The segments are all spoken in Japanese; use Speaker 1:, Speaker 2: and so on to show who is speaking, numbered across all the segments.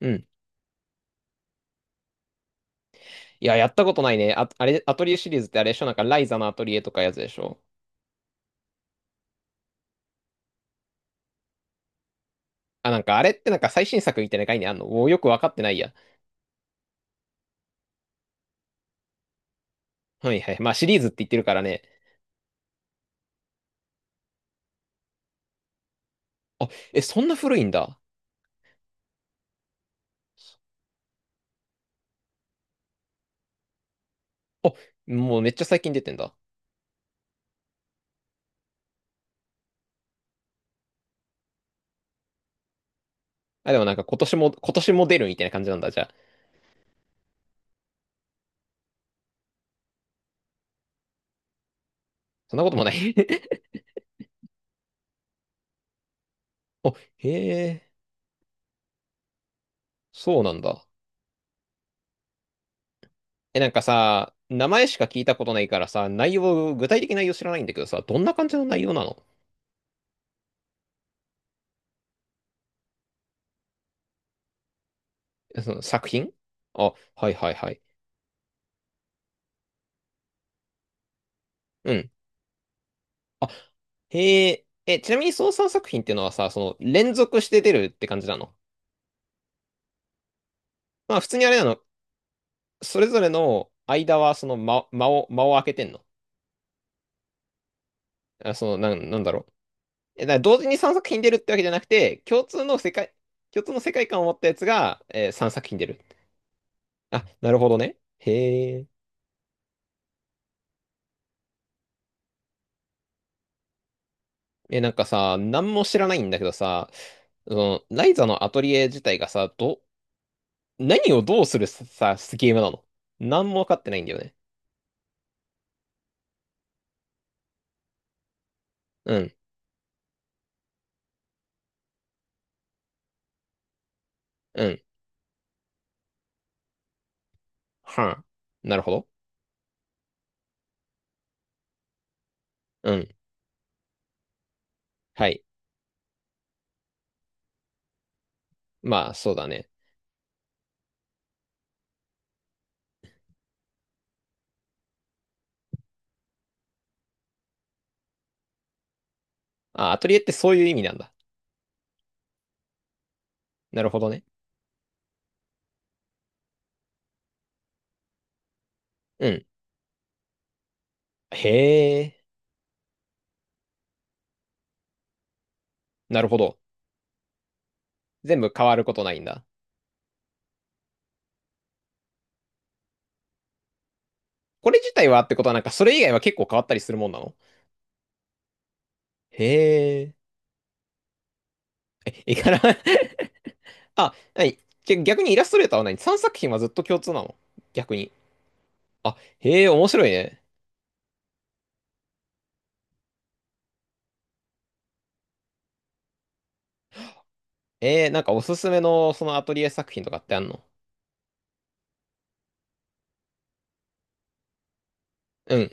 Speaker 1: うん。いや、やったことないね。あ、あれ、アトリエシリーズってあれでしょ？なんか、ライザのアトリエとかやつでしょ？あ、なんか、あれってなんか最新作みたいな概念あんのお、よくわかってないや。はいはい。まあ、シリーズって言ってるからね。あ、え、そんな古いんだ。あ、もうめっちゃ最近出てんだ。あ、でもなんか今年も出るみたいな感じなんだ。じゃあ、そんなこともない。 あ、へえ、そうなんだ。え、なんかさ、名前しか聞いたことないからさ、内容、具体的な内容知らないんだけどさ、どんな感じの内容なの？えその作品？あ、はいはいはい。うん。あ、へえ、え、ちなみに操作作品っていうのはさ、その連続して出るって感じなの？まあ普通にあれなの、それぞれの間はその間、間を空けてんの？あ、その、なんだろう。だから同時に3作品出るってわけじゃなくて、共通の世界観を持ったやつが、3作品出る。あ、なるほどね。へえ。え、なんかさ、何も知らないんだけどさ、その、ライザのアトリエ自体がさ、何をどうするさ、ゲームなの？何も分かってないんだよね。うん。うん、はん、なるほど。うん。はい。まあ、そうだね。あ、アトリエってそういう意味なんだ。なるほどね。うん。へえ、なるほど。全部変わることないんだ。これ自体はってことは、なんかそれ以外は結構変わったりするもんなの？へえ。え、絵柄？ あ、はい。じゃ、逆にイラストレーターは何 ?3 作品はずっと共通なの？逆に。あ、へえ、面白いね。なんかおすすめのそのアトリエ作品とかってあんの？うん。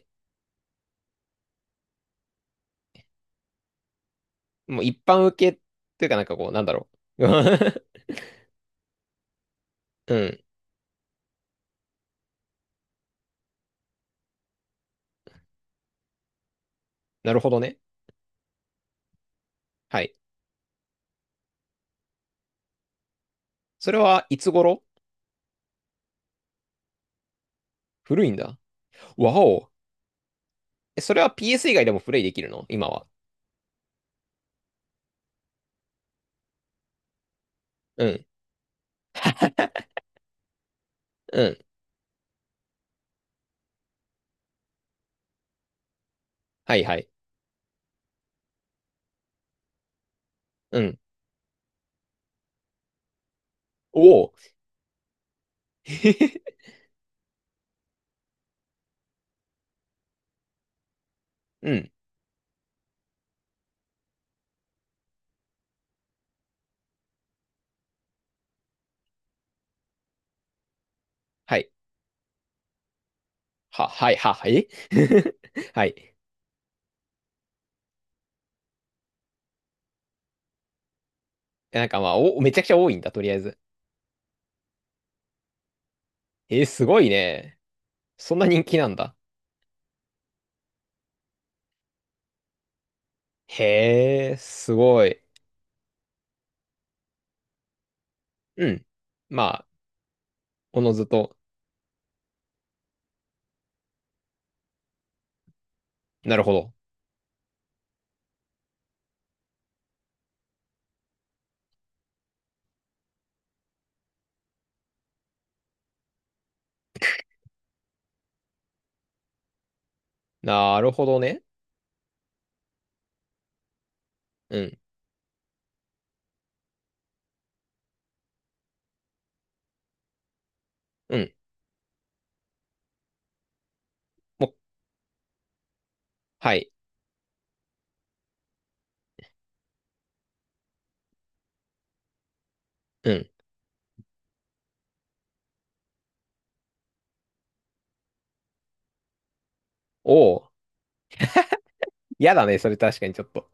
Speaker 1: もう一般受けっていうかなんかこう、なんだろう。うん。なるほどね。はい。それはいつ頃？古いんだ。わお。え、それは PS 以外でもプレイできるの今は？うん。うん。はいはい。うん。おお。うん。はい。はい、はい。はい。なんかまあ、めちゃくちゃ多いんだ、とりあえず。すごいね。そんな人気なんだ。へえ、すごい。うん。まあ、おのずと。なるほど。なるほどね。うん。うん。もう、はい。うん。おお。やだね、それ確かにちょっと。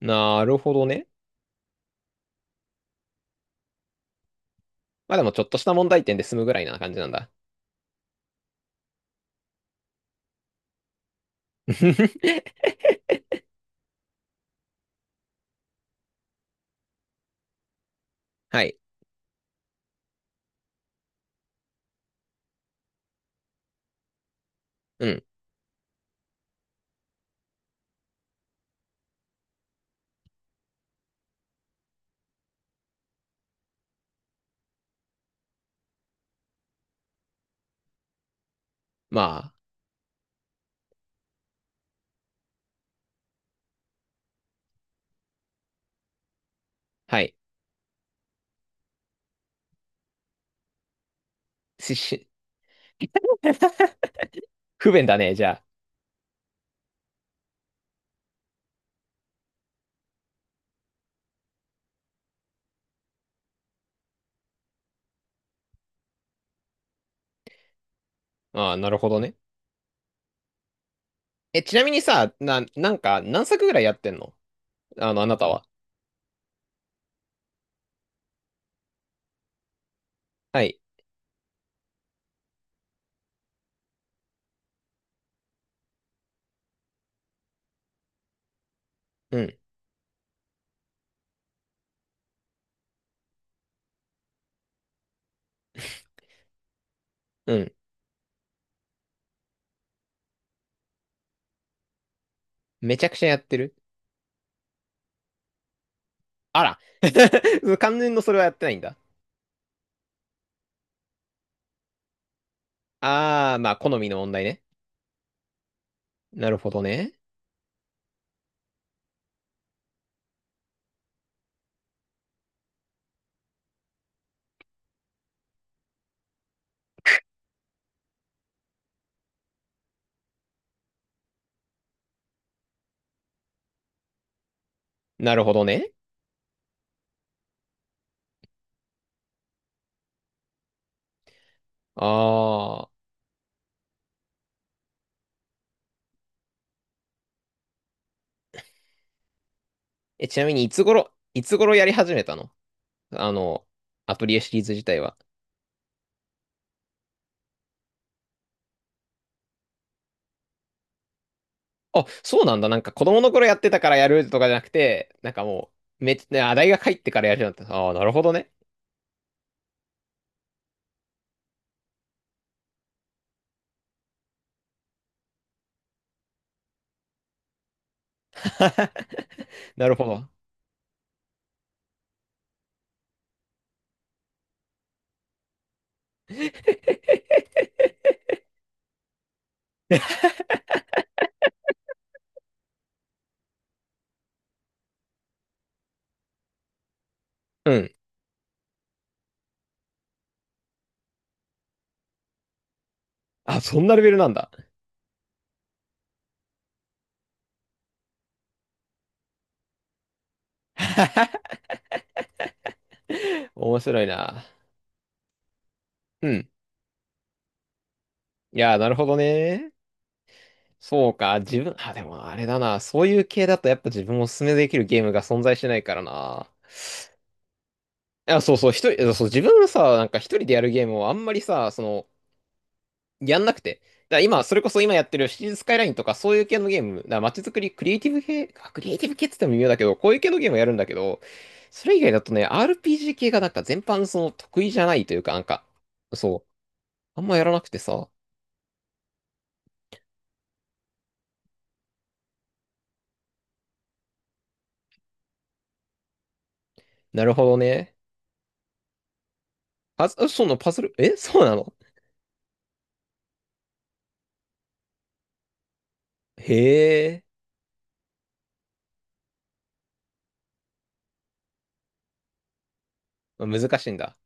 Speaker 1: なるほどね。まあでもちょっとした問題点で済むぐらいな感じなんだ。はい。うん。まあ、はい。しし不便だね、じゃあ。ああ、なるほどね。え、ちなみにさ、なんか何作ぐらいやってんの？あの、あなたは。はい。うん。うん。めちゃくちゃやってる。あら。完全のそれはやってないんだ。ああ、まあ、好みの問題ね。なるほどね。なるほどね。ああ。え、ちなみにいつ頃やり始めたの？あの、アトリエシリーズ自体は。あ、そうなんだ。なんか子供の頃やってたからやるとかじゃなくて、なんかもう、めっちゃ、あ、大学入ってからやるようになった。ああ、なるほどね。なるほど。うん。あ、そんなレベルなんだ。面白いな。うん。いやー、なるほどね。そうか。自分、あ、でもあれだな。そういう系だとやっぱ自分おすすめできるゲームが存在しないからな。いや、そうそう、一人、そう、自分はさ、なんか一人でやるゲームをあんまりさ、その、やんなくて。だから今、それこそ今やってるシティーズスカイラインとかそういう系のゲーム、街づくり、クリエイティブ系、あ、クリエイティブ系って言っても微妙だけど、こういう系のゲームをやるんだけど、それ以外だとね、RPG 系がなんか全般その得意じゃないというか、なんか、そう、あんまやらなくてさ。なるほどね。そのパズル、え、そうなの？へえ、まあ難しいんだ。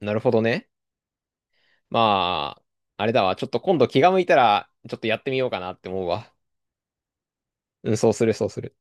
Speaker 1: なるほどね。まあ、あれだわ。ちょっと今度気が向いたら、ちょっとやってみようかなって思うわ。うん、そうする、そうする。